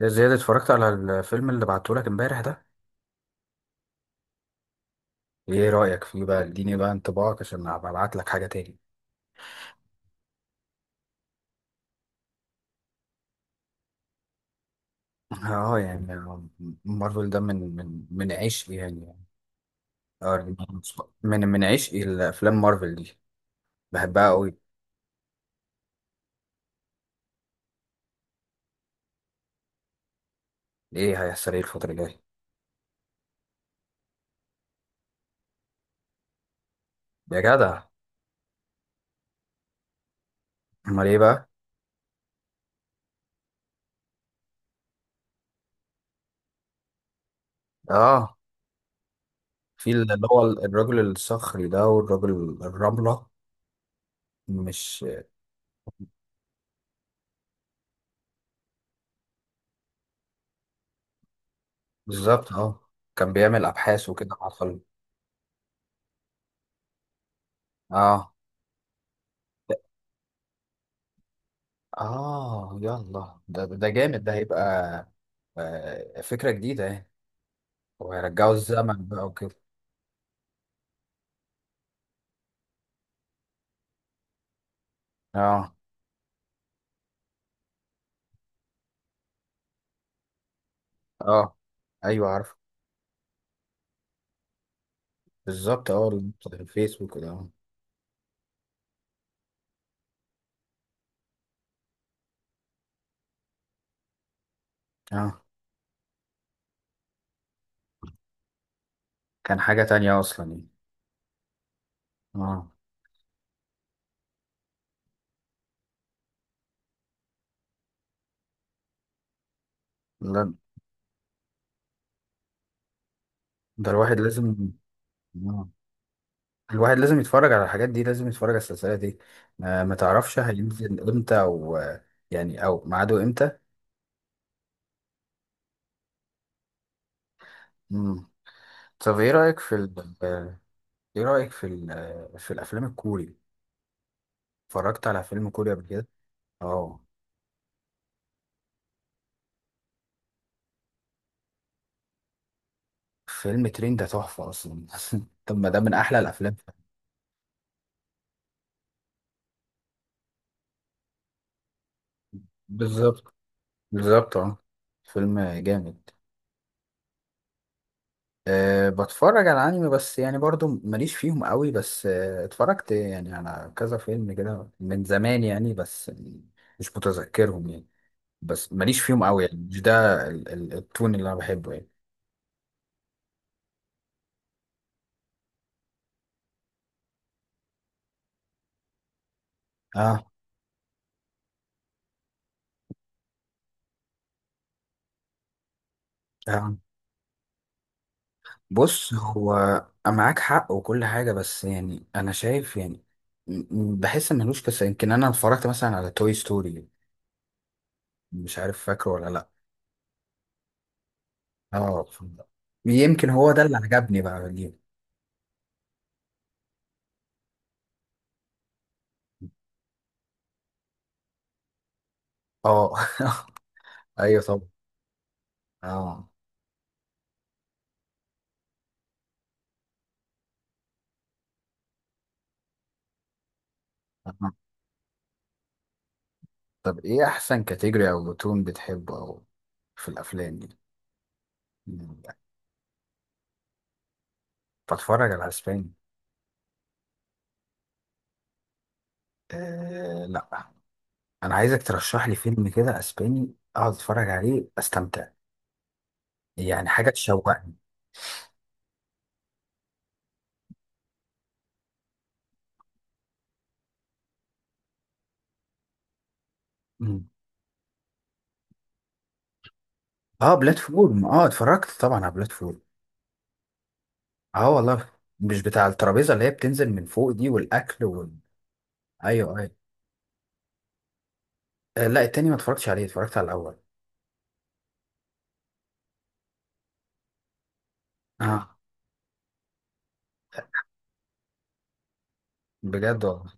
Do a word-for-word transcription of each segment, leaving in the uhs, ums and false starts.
يا زياد، اتفرجت على الفيلم اللي بعتهولك امبارح ده؟ ايه رأيك فيه بقى؟ اديني بقى انطباعك عشان ابقى ابعت لك حاجة تاني. اه، يعني مارفل ده من من من عشقي يعني. اه. من من عشقي الافلام مارفل دي، بحبها قوي. ايه هيحصل ايه الفترة الجاية؟ يا جدع! امال ايه بقى؟ اه، في اللي هو الراجل الصخري ده والراجل الرملة، مش... بالظبط. اه، كان بيعمل ابحاث وكده مع الخلق. اه. آه، يلا ده ده ده جامد، ده هيبقى آه، فكرة جديدة يعني. وهيرجعوا الزمن بقى وكده. اه. اه، ايوه عارف. بالظبط، اه، بتاع الفيسبوك ده. اه. آه. كان حاجة تانية اصلا يعني. اه. لا، ده الواحد لازم آه. الواحد لازم يتفرج على الحاجات دي، لازم يتفرج على السلسلة دي. ما, ما تعرفش هينزل امتى، او يعني او ميعاده امتى؟ مم. طب ايه رأيك في ال... آه، ايه رأيك في ال... آه، في الافلام الكوري. اتفرجت على فيلم كوري قبل كده؟ اه. فيلم ترين ده تحفة أصلا. طب ما ده من أحلى الأفلام. بالظبط. بالظبط، اه، فيلم جامد. أه، بتفرج على أنمي بس يعني برضو ماليش فيهم قوي. بس أه، اتفرجت يعني على كذا فيلم كده من زمان يعني، بس مش متذكرهم يعني. بس ماليش فيهم قوي يعني، مش ده ال- ال- التون اللي أنا بحبه يعني. اه. اه، بص هو معاك حق وكل حاجة، بس يعني أنا شايف يعني. م- م- بحس إن ملوش قصة. يمكن أنا اتفرجت مثلا على توي ستوري، مش عارف فاكره ولا لأ. اه، يمكن هو ده اللي عجبني بقى ليه. اه. أيوه طبعا. اه. آه. طب إيه أحسن كاتيجوري أو تون بتحبه أو في الأفلام دي؟ بتفرج على أسباني؟ آه لأ. أنا عايزك ترشح لي فيلم كده أسباني أقعد أتفرج عليه أستمتع، يعني حاجة تشوقني. اه، بلاتفورم. اه، اتفرجت طبعا على بلاتفورم. اه والله. مش بتاع الترابيزه اللي هي بتنزل من فوق دي والاكل وال...؟ ايوه، ايوه. آه لا، التاني ما اتفرجتش عليه، اتفرجت على الاول. اه، بجد والله.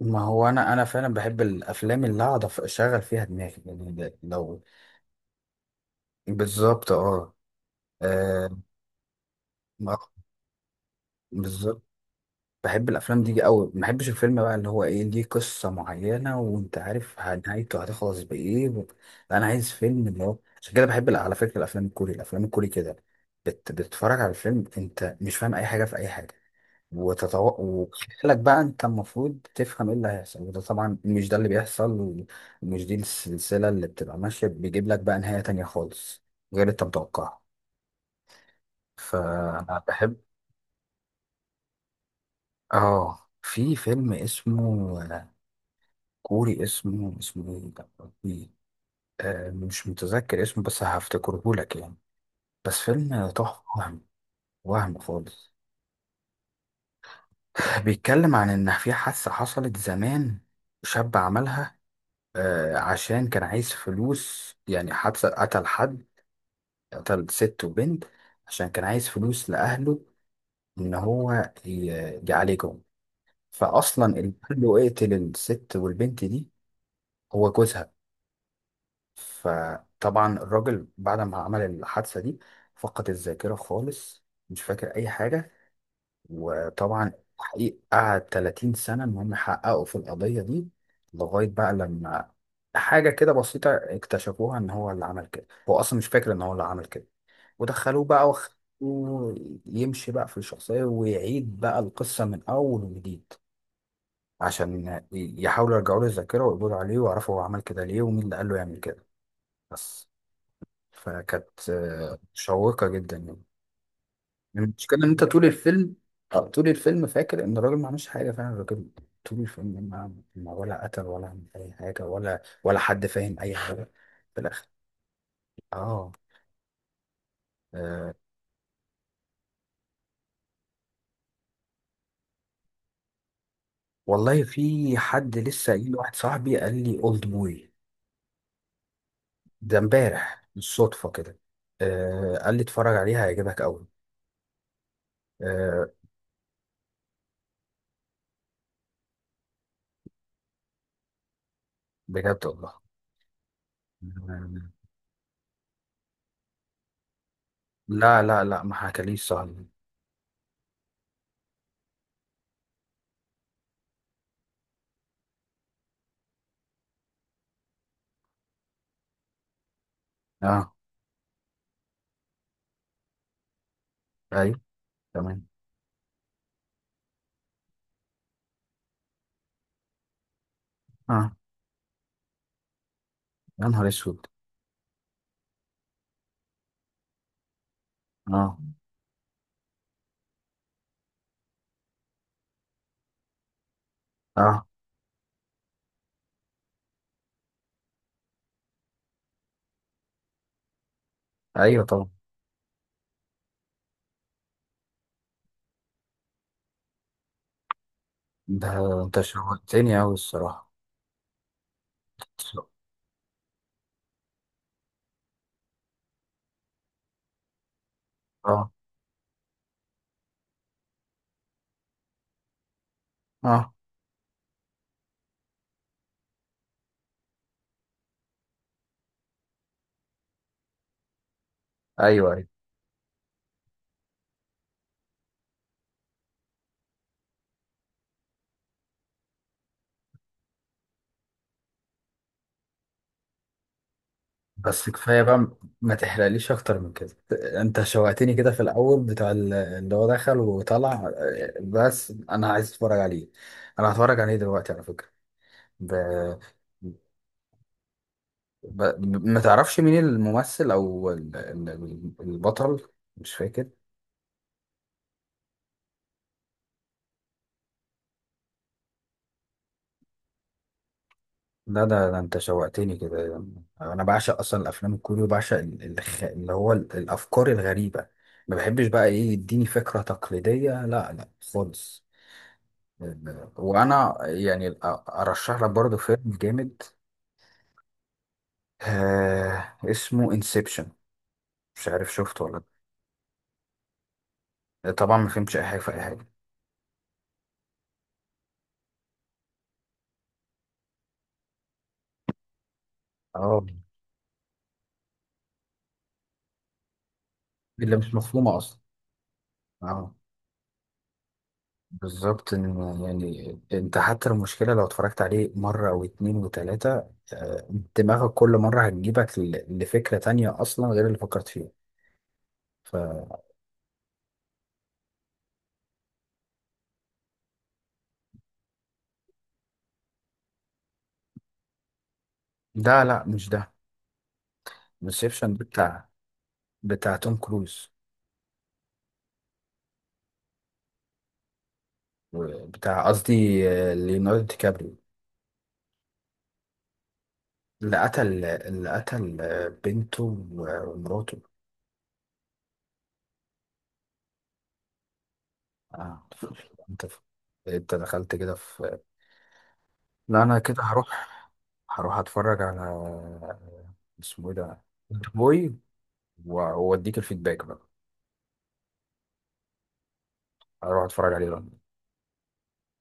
ما هو انا انا فعلا بحب الافلام اللي اقعد أف- اشغل فيها دماغي يعني، ده- لو... بالظبط، اه، آه، ما- بالظبط. بحب الافلام دي قوي، ما بحبش الفيلم بقى اللي هو ايه ليه قصه معينه وانت عارف ه- نهايته هتخلص بايه و... لا، انا عايز فيلم اللي هو عشان كده بحب ال- على فكره الافلام الكوري، الافلام الكوري كده. بت... بتتفرج على الفيلم انت مش فاهم اي حاجه في اي حاجه، وتتو... وخيالك بقى انت المفروض تفهم ايه اللي هيحصل، وده طبعا مش ده اللي بيحصل. ومش دي السلسله اللي بتبقى ماشيه، بيجيب لك بقى نهايه تانية خالص غير اللي انت متوقعها. فبحب. اه، في فيلم اسمه كوري، اسمه اسمه ايه ده يا ربي؟ آه، مش متذكر اسمه بس هفتكره لك يعني. بس فيلم تحفة، وهم، وهم خالص. بيتكلم عن ان في حادثة حصلت زمان، شاب عملها آه عشان كان عايز فلوس، يعني حادثة قتل حد، قتل ست وبنت عشان كان عايز فلوس لأهله، ان هو ي- يعالجهم. فاصلا اللي قال له اقتل الست والبنت دي، هو جوزها. فطبعا الراجل بعد ما عمل الحادثة دي فقد الذاكرة خالص، مش فاكر أي حاجة. وطبعا حقيقة قعد ثلاثين سنة إن هم يحققوا في القضية دي، لغاية بقى لما حاجة كده بسيطة اكتشفوها، إن هو اللي عمل كده هو أصلا مش فاكر إن هو اللي عمل كده. ودخلوه بقى وخلوه يمشي بقى في الشخصية، ويعيد بقى القصة من أول وجديد، عشان يحاولوا يرجعوا له الذاكرة ويقبضوا عليه ويعرفوا هو عمل كده ليه ومين اللي قال له يعمل كده بس. فكانت آه، مشوقة جدا يعني. المشكلة إن أنت طول الفيلم آه، طول الفيلم فاكر إن الراجل ما عملش حاجة، فعلا الراجل طول الفيلم ما ما ولا قتل ولا عمل أي حاجة، ولا ولا حد فاهم أي حاجة. في الآخر. آه. آه. والله في حد لسه قايل لواحد، صاحبي قال لي أولد بوي ده إمبارح بالصدفة كده. آه، قال لي اتفرج عليها هيعجبك أوي. آه. بجد والله. آه. لا لا لا، ما حكاليش صاحبي. آه. أيوه، تمام. آه. يا نهار اسود! اه. اه. ايوه طبعا. ده انت شوقتني اوي الصراحه. اه. اه. ايوه، ايوه. بس كفايه بقى، ما تحرقليش اكتر من كده. انت شوقتني كده في الاول بتاع ال- اللي هو دخل وطلع. آه، بس انا عايز اتفرج عليه. انا هتفرج عليه دلوقتي على فكره. ب... ب... ما تعرفش مين الممثل او ال- ال- البطل؟ مش فاكر. ده ده ده انت شوقتني كده. انا بعشق اصلا الافلام الكوري، وبعشق ال- الخ... اللي هو ال- الافكار الغريبه. ما بحبش بقى ايه يديني فكره تقليديه، لا لا خالص. وانا يعني أ- ارشح لك برضه فيلم جامد. آه، اسمه انسبشن، مش عارف شفته ولا... لأ. طبعا ما فهمتش اي حاجه في اي حاجه. اه. اللي مش مفهومه اصلا. اه. بالظبط. إن يعني انت حتى المشكلة لو اتفرجت عليه مرة او اتنين وتلاتة، آه، دماغك كل مرة هتجيبك ل- لفكرة تانية اصلا غير اللي فكرت فيها. ف... ده لا، مش ده. انسبشن بتاع بتاع توم كروز، بتاع قصدي آه، ليوناردو دي كابريو. اللي قتل اللي قتل آه، بنته و- ومراته. آه. انت انت دخلت كده. لا انا كده هروح. هروح اتفرج على اسمه ايه ده؟ بوي. واوديك الفيدباك بقى. هروح اتفرج عليه دلوقتي.